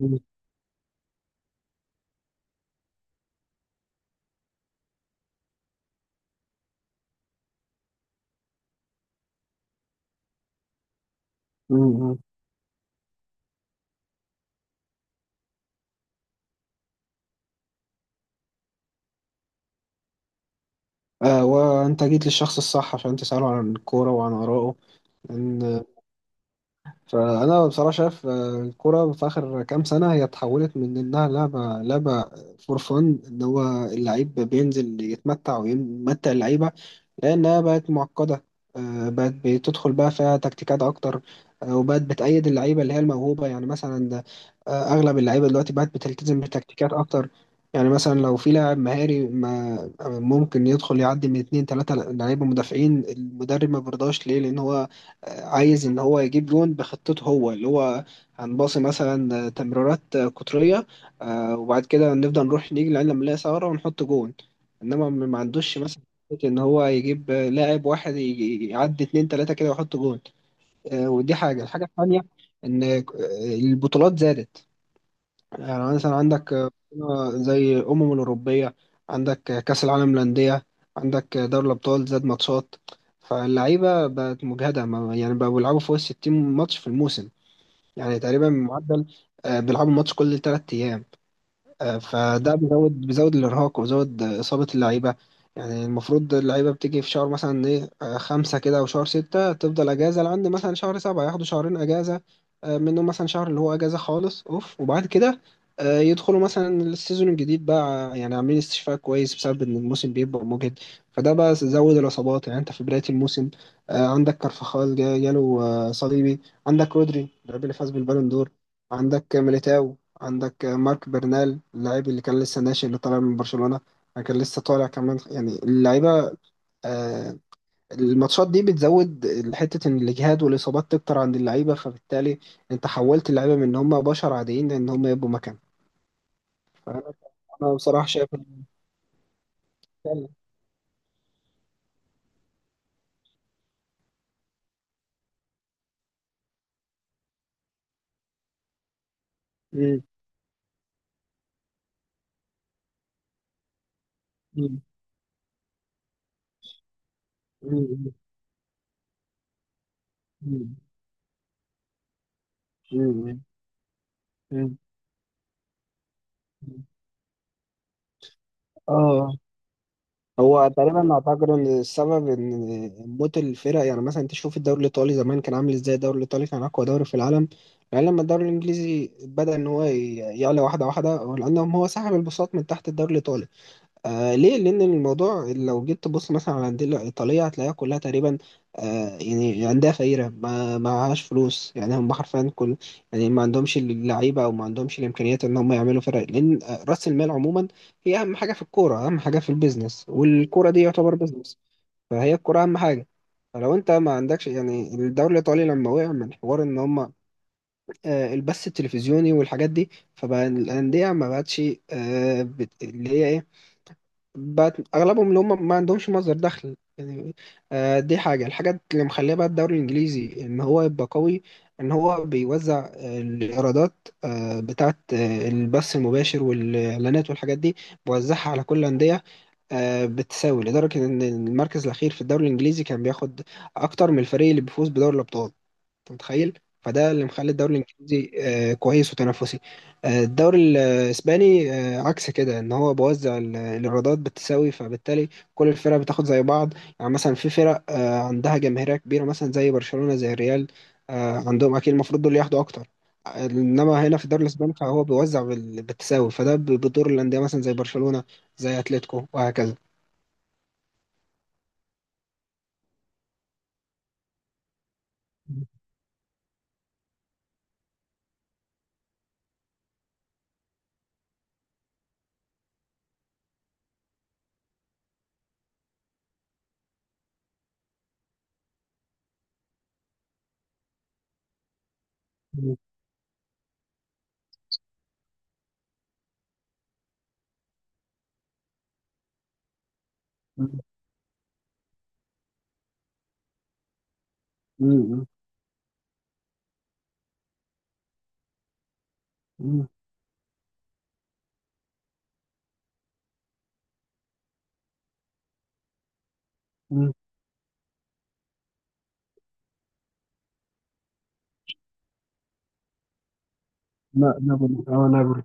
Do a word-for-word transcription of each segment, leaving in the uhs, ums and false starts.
مم. مم. آه وأنت جيت للشخص الصح عشان تسأله عن الكورة وعن آرائه، لأن فأنا بصراحة شايف آه، الكرة في آخر كام سنة هي اتحولت من إنها لعبة لعبة فور فن، إن هو اللعيب بينزل يتمتع ويمتع اللعيبة، لأنها بقت معقدة. آه، بقت بتدخل بقى فيها تكتيكات أكتر. آه، وبقت بتأيد اللعيبة اللي هي الموهوبة، يعني مثلا آه، أغلب اللعيبة دلوقتي بقت بتلتزم بتكتيكات أكتر. يعني مثلا لو في لاعب مهاري ما آه، ممكن يدخل يعدي من اتنين تلاتة لعيبة مدافعين، المدرب ما بيرضاش ليه لأن هو عايز ان هو يجيب جون بخطته، هو اللي هو هنباصي مثلا تمريرات قطريه. آه، وبعد كده نفضل نروح نيجي لعين لما نلاقي ثغره ونحط جون. انما ما ما عندوش مثلا فكرة ان هو يجيب لاعب واحد ي- يعدي اتنين تلاته كده ويحط جون. آه، ودي حاجه الحاجه الثانيه ان آه، البطولات زادت. يعني مثلا عندك آه، زي الأمم الأوروبية، عندك آه، كأس العالم للأندية، عندك آه، دوري الأبطال زاد ماتشات. فاللعيبة بقت مجهدة، ما- يعني بقوا بيلعبوا فوق الستين ماتش في الموسم. يعني تقريبا معدل آه، بيلعبوا ماتش كل تلات أيام. آه، فده بيزود بيزود الارهاق وبيزود آه، اصابه اللعيبه. يعني المفروض اللعيبه بتيجي في شهر مثلا ايه آه، خمسة كده او شهر ستة، تفضل اجازه لعند مثلا شهر سبعة، ياخدوا شهرين اجازه. آه، منهم مثلا شهر اللي هو اجازه خالص اوف، وبعد كده آه، يدخلوا مثلا السيزون الجديد بقى يعني عاملين استشفاء كويس، بسبب ان الموسم بيبقى مجهد. فده بقى زود الاصابات. يعني انت في بدايه الموسم آه، عندك كارفاخال جا- جاله آه، صليبي، عندك رودري اللاعب اللي فاز بالبالون دور، عندك ميليتاو، عندك مارك برنال اللاعب اللي كان لسه ناشئ اللي طالع من برشلونة، كان لسه طالع كمان. يعني اللعيبة آه، الماتشات دي بتزود حتة إن الإجهاد والإصابات تكتر عند اللعيبة، فبالتالي أنت حولت اللعيبة من إن هم بشر عاديين لإن هم يبقوا مكان. فأنا أنا بصراحة شايف إن فعلاً- مم. مم. مم. مم. مم. مم. مم. آه هو تقريبا اعتقد ان السبب ان موت الفرق. يعني مثلا انت شوف الدوري الايطالي زمان كان عامل ازاي، الدوري الايطالي كان اقوى دوري في العالم. يعني لما الدوري الانجليزي بدا ان هو ي- يعلى واحده واحده، لانهم هو سحب البساط من تحت الدوري الايطالي. آه ليه؟ لأن الموضوع لو جيت تبص مثلا على الأندية الإيطالية هتلاقيها كلها تقريبا آه يعني عندها فقيرة، ما معهاش فلوس. يعني هم حرفيا كل، يعني ما عندهمش اللعيبة أو ما عندهمش الإمكانيات إن هم يعملوا فرق، لأن آه، رأس المال عموما هي أهم حاجة في الكورة، أهم حاجة في البيزنس، والكورة دي يعتبر بيزنس. فهي الكورة أهم حاجة. فلو انت ما عندكش، يعني الدوري الايطالي لما وقع من حوار ان هم آه، البث التلفزيوني والحاجات دي، فبقى الانديه ما بقتش آه، بت- اللي هي ايه، بقت اغلبهم اللي هم ما عندهمش مصدر دخل. يعني آه، دي حاجه الحاجه اللي مخليه بقى الدوري الانجليزي ان هو يبقى قوي، ان هو بيوزع آه، الايرادات آه، بتاعه آه، البث المباشر والاعلانات والحاجات دي، بيوزعها على كل الانديه آه، بتساوي، لدرجه ان المركز الاخير في الدوري الانجليزي كان بياخد اكتر من الفريق اللي بيفوز بدوري الابطال. انت متخيل؟ فده اللي مخلي الدوري الانجليزي آه، كويس وتنافسي. آه، الدوري الاسباني آه، عكس كده، ان هو بوزع ال- الايرادات بالتساوي، فبالتالي كل الفرق بتاخد زي بعض. يعني مثلا في فرق آه، عندها جماهيريه كبيره مثلا زي برشلونه، زي الريال، آه، عندهم اكيد المفروض دول ياخدوا اكتر. آه، انما هنا في الدوري الاسباني فهو بيوزع بال- بالتساوي، فده ب- بيضر الانديه مثلا زي برشلونه، زي اتلتيكو وهكذا. مم. مم. مم. مم. مم. لا نابولي، اه نابولي.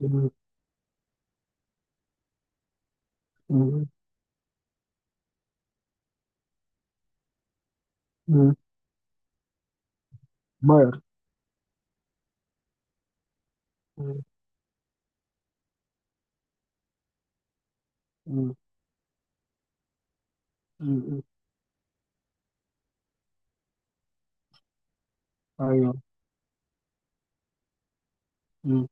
مم. مم. مم. باير. مم. مم. مم. ايوه. مم.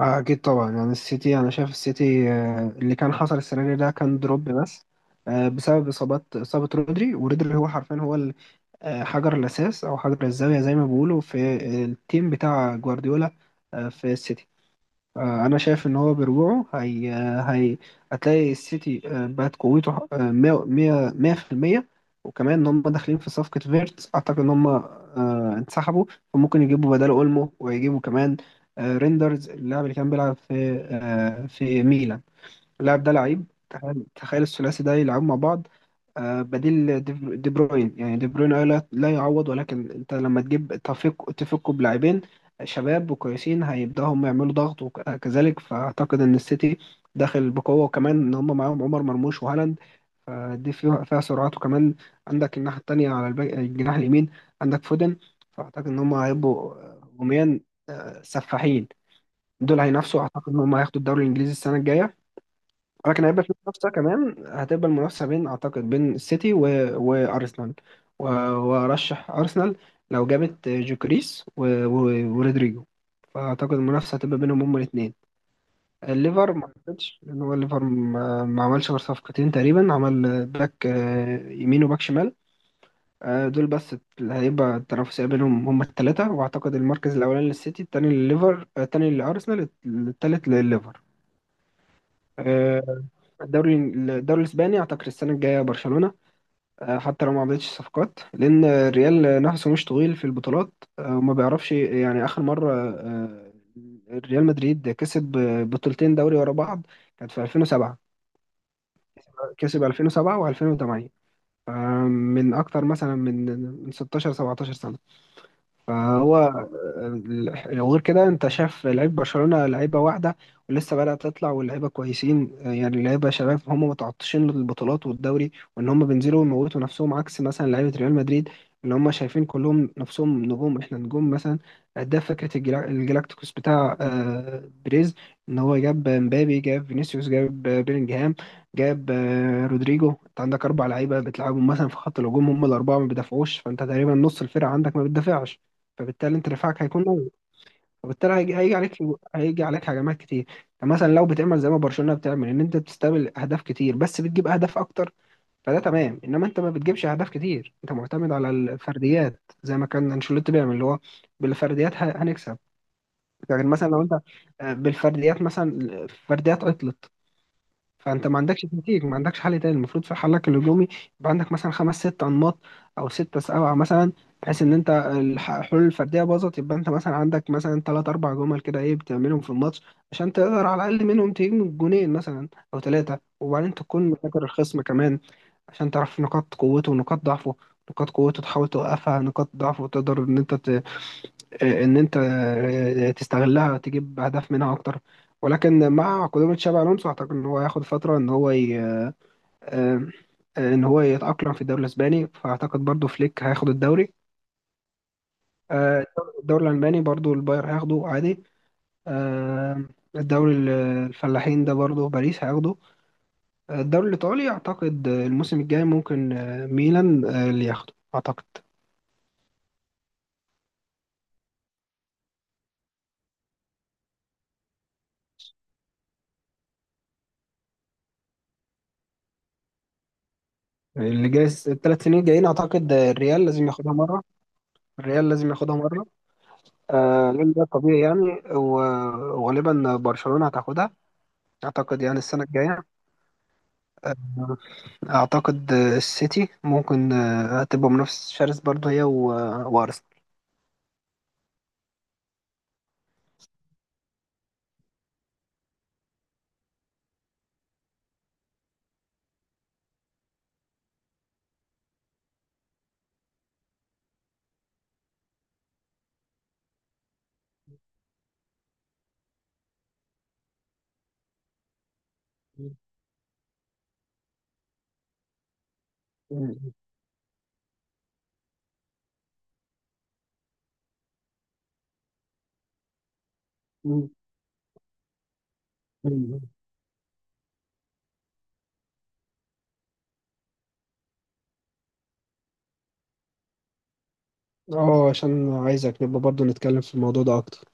آه، اكيد طبعا. يعني السيتي، انا شايف السيتي آه، اللي كان حصل السنه دي ده كان دروب بس آه، بسبب اصابات، اصابه رودري. ورودري هو حرفيا هو ال- آه، حجر الاساس او حجر الزاويه زي ما بيقولوا في التيم بتاع جوارديولا آه، في السيتي. آه، انا شايف ان هو برجوعه هي آه، هي هتلاقي السيتي آه، بقت قوته آه، مية مية مية في المية، وكمان ان هم داخلين في صفقة فيرتس اعتقد ان هم آه، انسحبوا، فممكن يجيبوا بداله اولمو، ويجيبوا كمان آه، ريندرز اللاعب اللي كان بيلعب في آه، في ميلان. اللاعب ده لعيب، تخيل تخيل الثلاثي ده يلعبوا مع بعض آه، بديل دي دي بروين. يعني دي بروين آه لا لا يعوض، ولكن انت لما تجيب تفك تفكوا بلاعبين شباب وكويسين هيبدأوا هم يعملوا ضغط وكذلك، فأعتقد إن السيتي داخل بقوة، وكمان إن هم معاهم عمر مرموش وهالاند، فدي فيها فيها سرعات. وكمان عندك الناحية التانية على الب- الجناح اليمين عندك فودن. فأعتقد إن هم هيبقوا آه، هجوميا آه، سفاحين. دول هينافسوا، أعتقد إن هم هياخدوا الدوري الإنجليزي السنة الجاية. ولكن هيبقى في منافسة كمان، هتبقى المنافسة بين، أعتقد بين السيتي و... وأرسنال. و... وأرشح أرسنال لو جابت جوكريس و... و... ورودريجو. فأعتقد المنافسة هتبقى بينهم هما الاتنين. الليفر ما أعتقدش، لأن هو الليفر ما... ما عملش غير صفقتين تقريبا، عمل باك آه، يمين وباك شمال. آه، دول بس. اللي هيبقى التنافسية بينهم هما التلاتة، وأعتقد المركز الأولاني للسيتي، التاني للليفر، آه، التاني لأرسنال، التالت للليفر. آه، الدوري الدوري الاسباني اعتقد السنه الجايه برشلونه آه، حتى لو ما عملتش صفقات، لان الريال نفسه مش طويل في البطولات آه، وما بيعرفش. يعني اخر مره آه، ريال مدريد كسب بطولتين دوري ورا بعض كانت في ألفين وسبعة، كسب ألفين وسبعة و2008، من اكتر مثلا من من ستاشر سبعتاشر سنه. فهو آه، وغير كده انت شايف لعيب برشلونة لعيبة واحدة ولسه بدأت تطلع، واللعيبة كويسين آه، يعني لعيبة شباب هم متعطشين للبطولات والدوري، وان هم بينزلوا ويموتوا نفسهم، عكس مثلا لعيبة ريال مدريد اللي هم شايفين كلهم نفسهم نجوم، احنا نجوم مثلا. ده فكرة الجلا- الجلاكتيكوس بتاع آه، بريز، ان هو جاب مبابي، جاب فينيسيوس، جاب آه، بيلينجهام، جاب آه، رودريجو. انت عندك اربع لعيبه بتلعبهم مثلا في خط الهجوم، هم الاربعه ما بيدافعوش، فانت تقريبا نص الفرقه عندك ما بتدافعش، فبالتالي انت دفاعك هيكون قوي، فبالتالي هيجي, هيجي عليك، هيجي عليك هجمات كتير. فمثلا لو بتعمل زي ما برشلونة بتعمل ان انت بتستقبل اهداف كتير بس بتجيب اهداف اكتر، فده تمام، انما انت ما بتجيبش اهداف كتير، انت معتمد على الفرديات زي ما كان انشيلوتي بيعمل، اللي هو بالفرديات ه- هنكسب. لكن مثلا لو انت آه، بالفرديات، مثلا الفرديات عطلت، فانت ما عندكش تكتيك، ما عندكش حل تاني. المفروض في حلك الهجومي يبقى عندك مثلا خمس ست انماط او ستة سبعة مثلا، بحيث ان انت الح- الحلول الفرديه باظت، يبقى انت مثلا عندك مثلا ثلاث اربع جمل كده ايه بتعملهم في الماتش عشان تقدر على الاقل منهم تجيب جونين مثلا او ثلاثه، وبعدين تكون مذاكر الخصم كمان عشان تعرف نقاط قوته ونقاط ضعفه. نقاط قوته تحاول توقفها، نقاط ضعفه تقدر ان انت ت... آه، ان انت آه، تستغلها تجيب اهداف منها اكتر. ولكن مع قدوم تشابي الونسو اعتقد ان هو هياخد فتره ان هو ي... ان هو يتاقلم في الدوري الاسباني، فاعتقد برضو فليك هياخد الدوري. آه، الدوري الالماني برضو الباير هياخده عادي. آه، الدوري ال- الفلاحين ده برضو باريس هياخده. آه، الدوري الايطالي اعتقد الموسم الجاي ممكن آه، ميلان آه، اللي ياخده اعتقد. اللي جاي الثلاث سنين جايين اعتقد الريال لازم ياخدها مره، الريال لازم ياخدها مره. آه لان ده طبيعي يعني، و- وغالبا برشلونه هتاخدها اعتقد، يعني السنه الجايه. آه، اعتقد آه، السيتي ممكن آه، هتبقى منافس شرس برضه هي و- وارسنال. م- م- م- م. اه عشان عايزك نبقى برضه نتكلم في الموضوع ده اكتر.